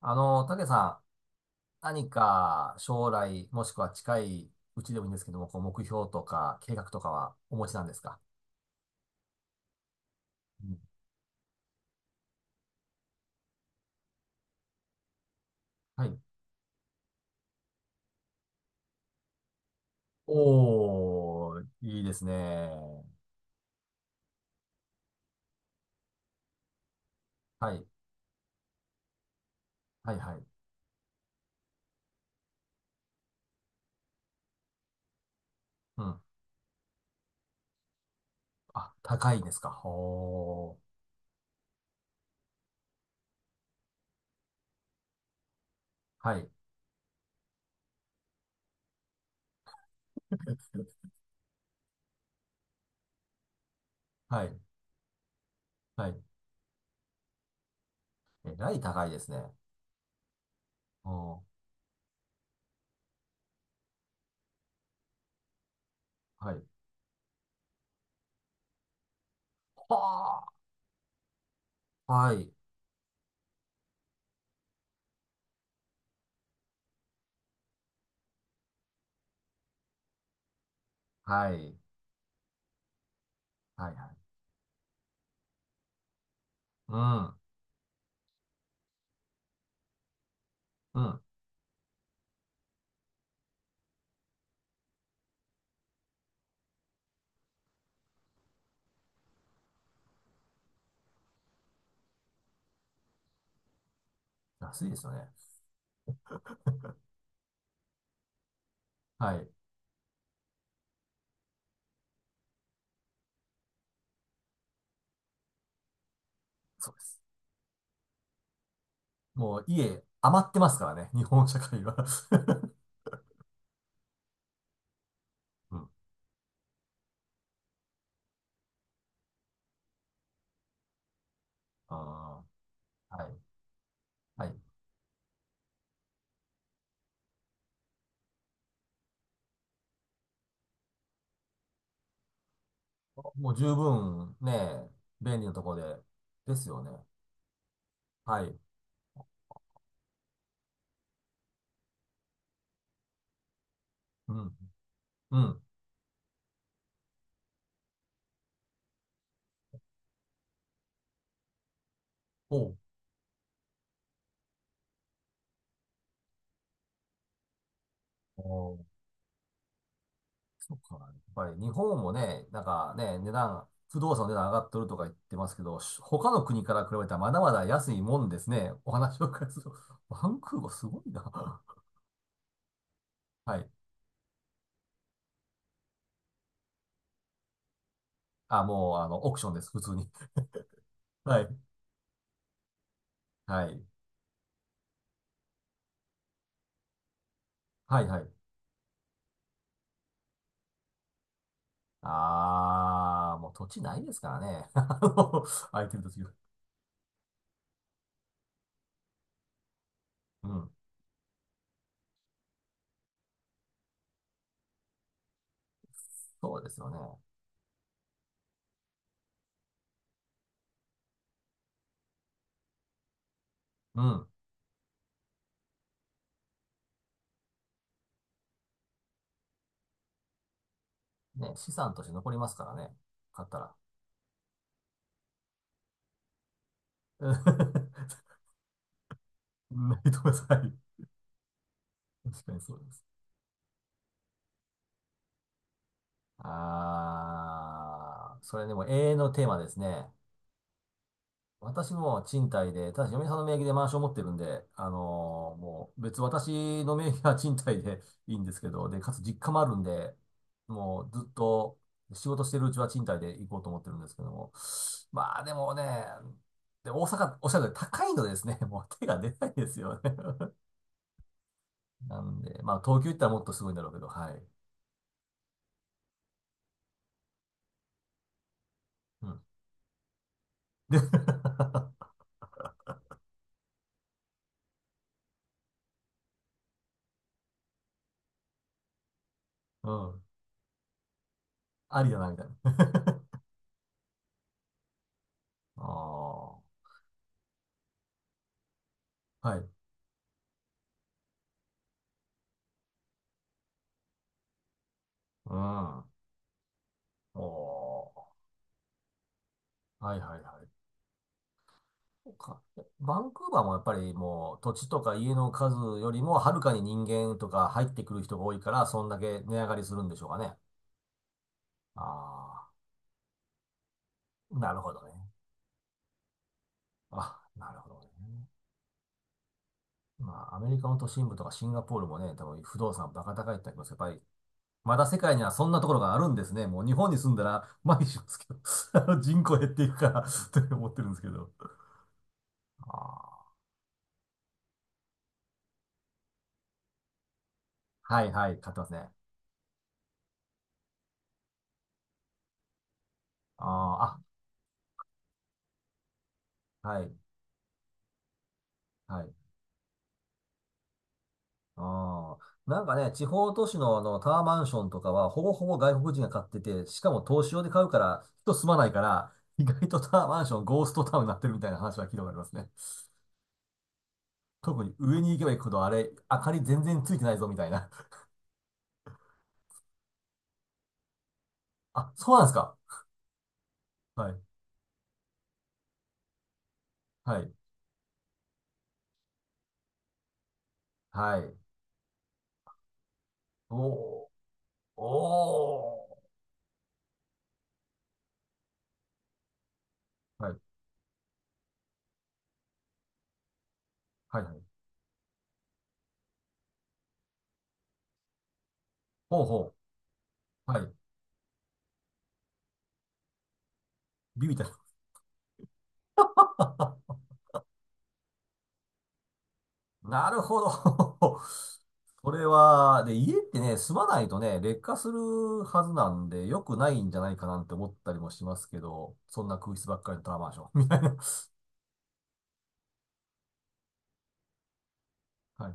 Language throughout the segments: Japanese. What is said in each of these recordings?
たけさん、何か将来、もしくは近いうちでもいいんですけども、こう目標とか計画とかはお持ちなんですか？うん。はい。おー、いいですね。はい。はい、はい。うん。あ、高いですか。ほー。はい。はい。はい。えらい高いですね。おー。はい。はー。はい。はい。はい、はい。うん。うん。安いですよね。はい。そうです。もう家余ってますからね。日本社会は。 うん。あー、はい。はい。もう十分ね、便利なとこで、ですよね。はい。うん。うん。おう。おう、そっか。やっぱり日本もね、なんかね、値段、不動産の値段上がっとるとか言ってますけど、他の国から比べたらまだまだ安いもんですね。お話を伺いすると。バンクーバーすごいな。はい。あ、もう、オークションです、普通に。はい。はい。はい、はい。ああ、もう土地ないですからね。空いてる土地が。うん。そうですよね。うん。ね、資産として残りますからね。買ったら。ないと思います。はい。確かにそうです。ああ、それでも永遠のテーマですね。私も賃貸で、ただし嫁さんの名義でマンション持ってるんで、もう別、私の名義は賃貸で いいんですけど、で、かつ実家もあるんで、もうずっと仕事してるうちは賃貸で行こうと思ってるんですけども。まあでもね、で、大阪、おっしゃるように高いのでですね、もう手が出ないですよね。なんで、まあ東京行ったらもっとすごいんだろうけど、はい。うん。で、うん。ありだな、みたいな。ああ、はい。うん。おー。はいはいはい。そうか。バンクーバーもやっぱりもう土地とか家の数よりもはるかに人間とか入ってくる人が多いから、そんだけ値上がりするんでしょうかね。ああ、なるほどね。あ、なるほどね。まあ、アメリカの都心部とかシンガポールもね、多分不動産バカ高いってありますけど。やっぱり、まだ世界にはそんなところがあるんですね。もう日本に住んだら、毎日しますけど、人口減っていくから と思ってるんですけど。ああ、はいはい、買ってますね。ああ、あ、はい、はい。ああ、なんかね、地方都市のあのタワーマンションとかは、ほぼほぼ外国人が買ってて、しかも投資用で買うから、人住まないから、意外とタワーマンション、ゴーストタウンになってるみたいな話は聞いたことありますね。特に上に行けば行くほど、あれ、明かり全然ついてないぞみたいな。あ、そうなんですか。はい、はい、はい。おー、おー、はい、はい、はい。ほうほう、はい。ビビった。なるほど。それは、で、家ってね、住まないとね、劣化するはずなんで、良くないんじゃないかなんて思ったりもしますけど、そんな空室ばっかりのタワーマンション、みたいな。はい。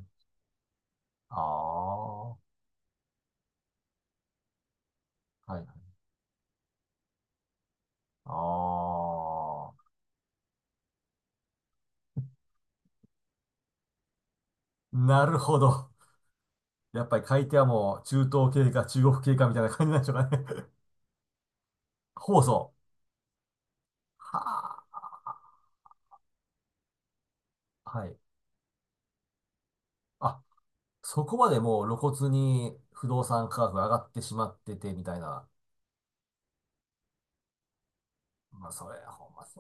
ああ、はい。ああ、なるほど。やっぱり買い手はもう、中東系か中国系かみたいな感じなんでしょうかね。放送。はあ、はい。あ、そこまでもう露骨に不動産価格が上がってしまってて、みたいな。まあ、それ、ほんまそ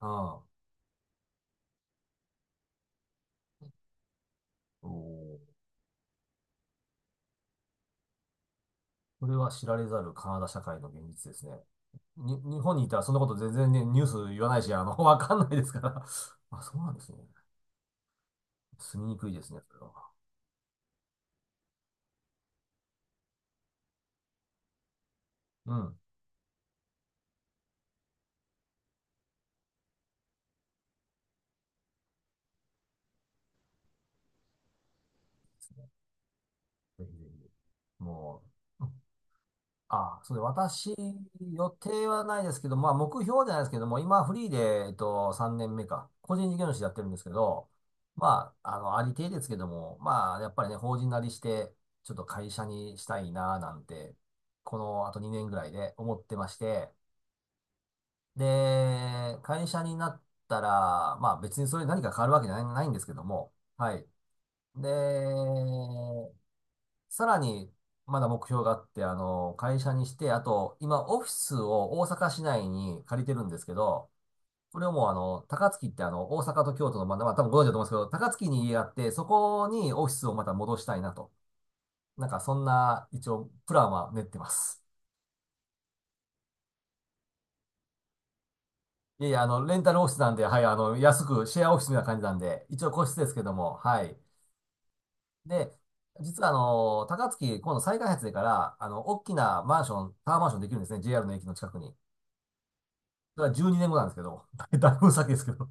う。うん。おー。これは知られざるカナダ社会の現実ですね。日本にいたらそんなこと全然ね、ニュース言わないし、わかんないですから。あ、そうなんですね。住みにくいですね、それは。うん。ですね。ぜひぜひ。もう、あ、そうで、私、予定はないですけど、まあ、目標じゃないですけども、今、フリーで、3年目か、個人事業主やってるんですけど、まあ、ありていですけども、まあ、やっぱりね、法人なりして、ちょっと会社にしたいな、なんて、この、あと2年ぐらいで思ってまして、で、会社になったら、まあ、別にそれ何か変わるわけじゃないんですけども、はい。で、さらに、まだ目標があって、会社にして、あと、今、オフィスを大阪市内に借りてるんですけど、これをもう、高槻って大阪と京都の、まあ、多分ご存知だと思うんですけど、高槻に家があって、そこにオフィスをまた戻したいなと。なんか、そんな、一応、プランは練ってます。いやいや、レンタルオフィスなんで、はい、安く、シェアオフィスみたいな感じなんで、一応個室ですけども、はい。で、実は高槻、今度再開発でから、大きなマンション、タワーマンションできるんですね、JR の駅の近くに。だから12年後なんですけど、だいぶ先ですけど、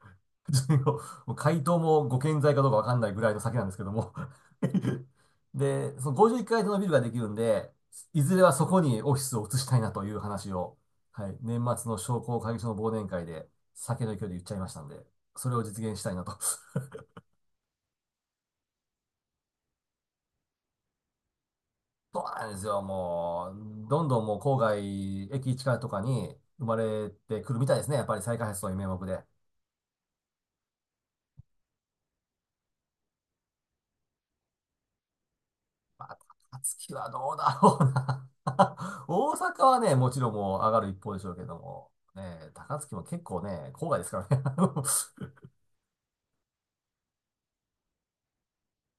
12年後、もう回答もご健在かどうかわかんないぐらいの先なんですけども。で、その51階建てのビルができるんで、いずれはそこにオフィスを移したいなという話を、はい、年末の商工会議所の忘年会で酒の勢いで言っちゃいましたんで、それを実現したいなと。そうなんですよ、もう、どんどんもう郊外、駅近とかに生まれてくるみたいですね、やっぱり再開発の名目で。まあ、高槻はどうだろうな。 大阪はね、もちろんもう上がる一方でしょうけども、ね、高槻も結構ね、郊外ですからね。